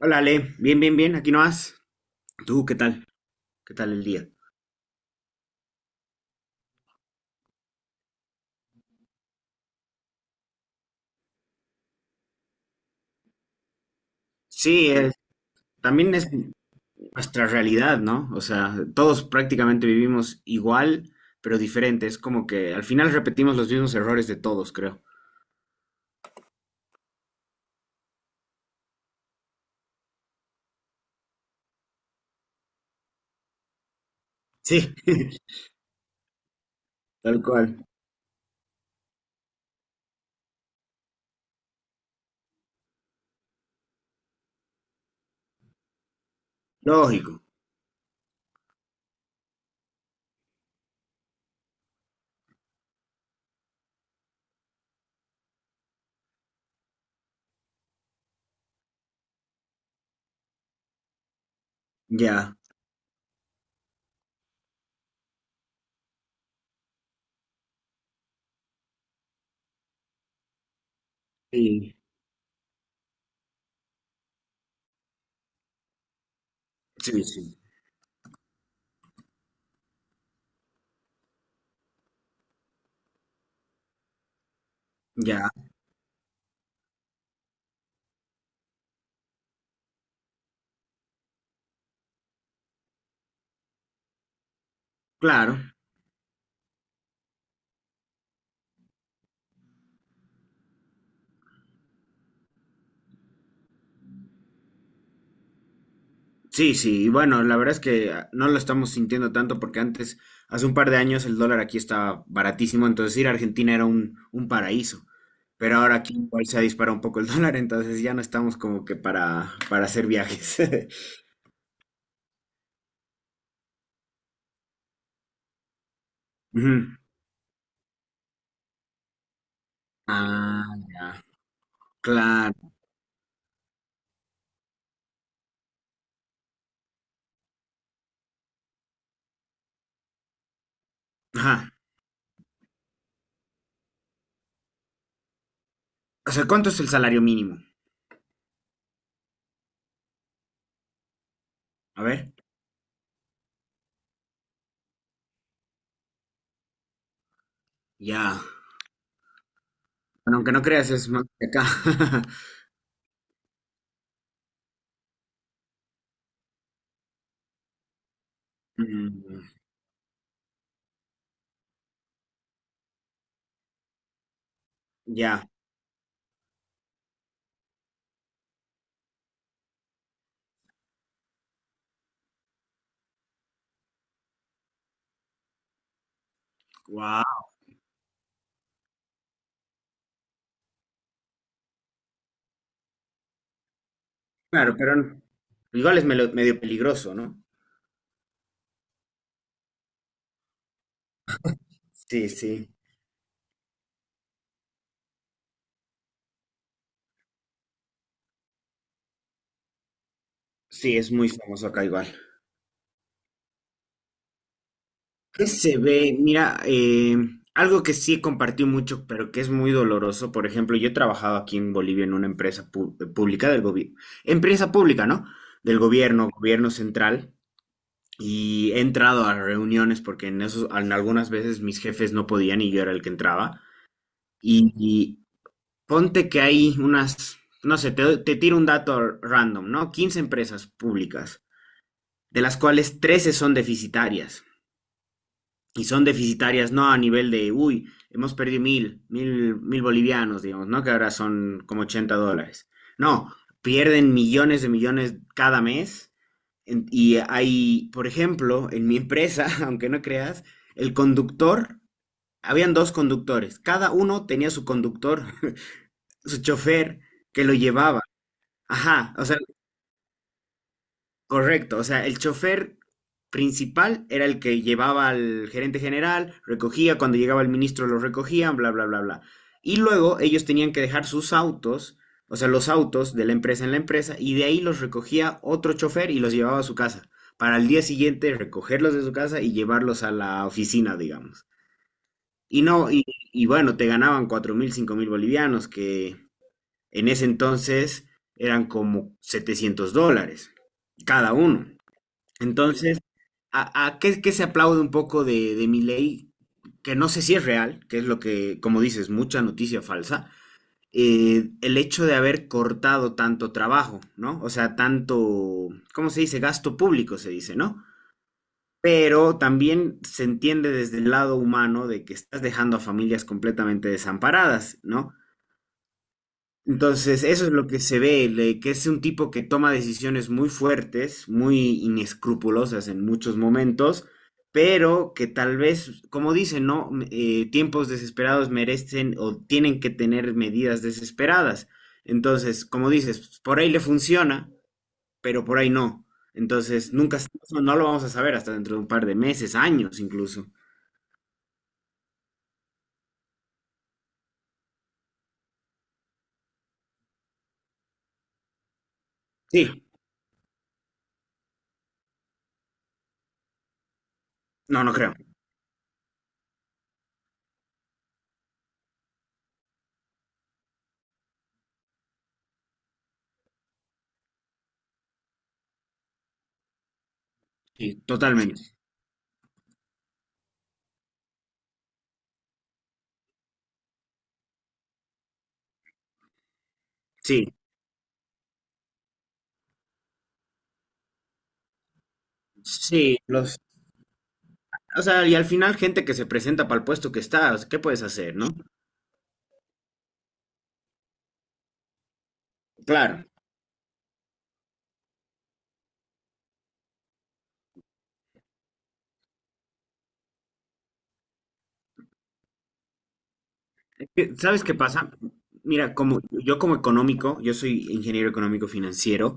Hola, Ale. Bien, bien, bien. Aquí no vas. ¿Tú qué tal? ¿Qué tal el día? Sí, es- También es nuestra realidad, ¿no? O sea, todos prácticamente vivimos igual, pero diferente. Es como que al final repetimos los mismos errores de todos, creo. Sí, tal cual. Lógico. Ya. Sí. Sí, sí. Ya. Claro. Sí, sí, y bueno, la verdad es que no lo estamos sintiendo tanto porque antes, hace un par de años, el dólar aquí estaba baratísimo, entonces ir a Argentina era un paraíso. Pero ahora aquí igual se dispara un poco el dólar, entonces ya no estamos como que para hacer viajes. Ujú. Ah, ya. Claro. Ajá. O sea, ¿cuánto es el salario mínimo? A ver. Ya. Bueno, aunque no creas, es más que acá. Mm, ya. Wow. Claro, pero igual es medio peligroso, ¿no? Sí, sí. Sí, es muy famoso acá igual. ¿Qué se ve? Mira, algo que sí compartí mucho, pero que es muy doloroso. Por ejemplo, yo he trabajado aquí en Bolivia en una empresa pública del gobierno, empresa pública, ¿no? Del gobierno, gobierno central. Y he entrado a reuniones porque en algunas veces mis jefes no podían y yo era el que entraba. Y ponte que hay unas, no sé, te tiro un dato random, ¿no? 15 empresas públicas, de las cuales 13 son deficitarias. Y son deficitarias, no a nivel de, uy, hemos perdido mil, mil, mil bolivianos, digamos, ¿no? Que ahora son como 80 dólares. No, pierden millones de millones cada mes. Y hay, por ejemplo, en mi empresa, aunque no creas, el conductor, habían dos conductores, cada uno tenía su conductor, su chofer que lo llevaba. Ajá, o sea, correcto, o sea, el chofer principal era el que llevaba al gerente general, recogía, cuando llegaba el ministro lo recogían, bla, bla, bla, bla. Y luego ellos tenían que dejar sus autos, o sea, los autos de la empresa en la empresa, y de ahí los recogía otro chofer y los llevaba a su casa, para al día siguiente recogerlos de su casa y llevarlos a la oficina, digamos. Y no, y bueno, te ganaban 4.000, 5.000 bolivianos, que en ese entonces eran como 700 dólares cada uno. Entonces, ¿a qué se aplaude un poco de Milei? Que no sé si es real, que es lo que, como dices, mucha noticia falsa, el hecho de haber cortado tanto trabajo, ¿no? O sea, tanto, ¿cómo se dice? Gasto público se dice, ¿no? Pero también se entiende desde el lado humano de que estás dejando a familias completamente desamparadas, ¿no? Entonces, eso es lo que se ve, que es un tipo que toma decisiones muy fuertes, muy inescrupulosas en muchos momentos, pero que tal vez, como dicen, ¿no? Tiempos desesperados merecen o tienen que tener medidas desesperadas. Entonces, como dices, por ahí le funciona, pero por ahí no. Entonces, nunca, no lo vamos a saber hasta dentro de un par de meses, años incluso. Sí, no, no creo. Sí, totalmente. Sí, sí, los. O sea, y al final gente que se presenta para el puesto que está, o sea, ¿qué puedes hacer, no? Claro. Es que, ¿sabes qué pasa? Mira, como yo como económico, yo soy ingeniero económico financiero,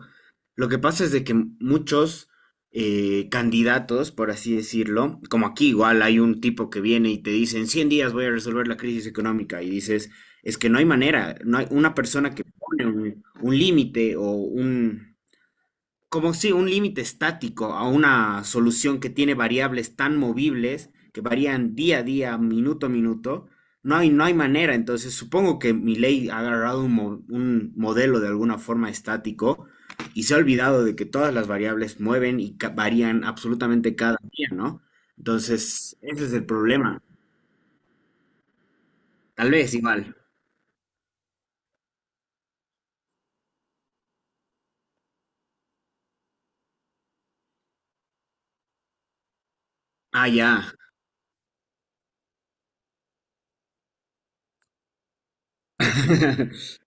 lo que pasa es de que muchos candidatos, por así decirlo, como aquí igual hay un tipo que viene y te dice, en 100 días voy a resolver la crisis económica, y dices, es que no hay manera, no hay una persona que pone un límite como si un límite estático a una solución que tiene variables tan movibles que varían día a día, minuto a minuto, no hay manera. Entonces, supongo que ley ha agarrado un modelo de alguna forma estático y se ha olvidado de que todas las variables mueven y varían absolutamente cada día, ¿no? Entonces, ese es el problema. Tal vez igual. Ah, ya.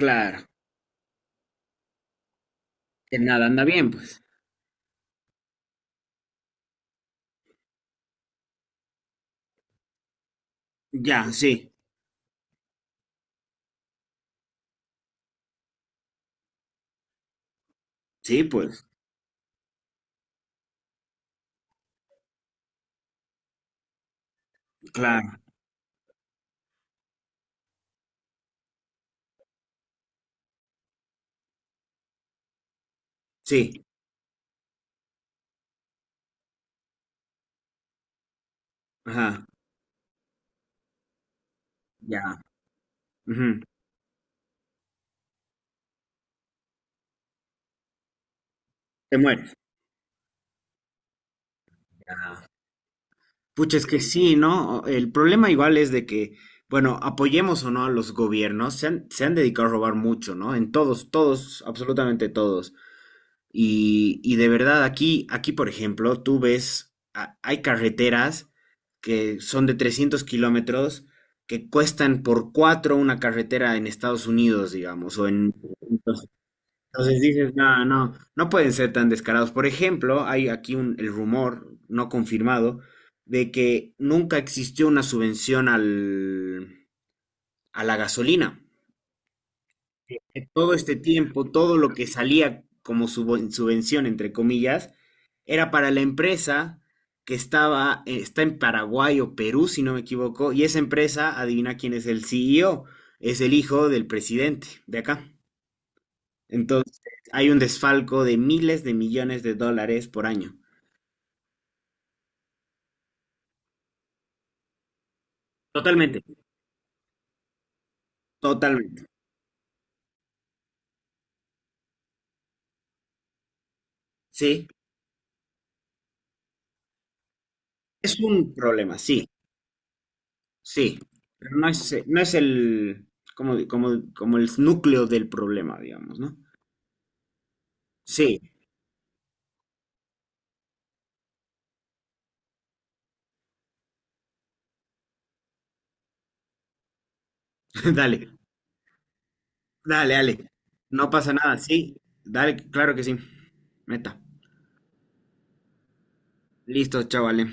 Claro. Que nada anda bien, pues. Ya, sí. Sí, pues. Claro. Sí. Ajá. Ya, ujú, te mueres. Ya. Pucha, es que sí, ¿no? El problema igual es de que, bueno, apoyemos o no a los gobiernos, se han dedicado a robar mucho, ¿no? En todos, todos, absolutamente todos. Y de verdad, aquí, por ejemplo, tú ves, hay carreteras que son de 300 kilómetros que cuestan por cuatro una carretera en Estados Unidos, digamos, o en... Entonces dices, no, no, no pueden ser tan descarados. Por ejemplo, hay aquí el rumor no confirmado de que nunca existió una subvención a la gasolina. Todo este tiempo, todo lo que salía como subvención, entre comillas, era para la empresa que estaba, está en Paraguay o Perú, si no me equivoco, y esa empresa, adivina quién es el CEO, es el hijo del presidente de acá. Entonces, hay un desfalco de miles de millones de dólares por año. Totalmente. Totalmente. Sí. Es un problema, sí, sí. Pero no es, no es el, como el núcleo del problema, digamos, ¿no? Sí, dale, dale, dale. No pasa nada, sí. Dale, claro que sí. Meta. Listo, chavales.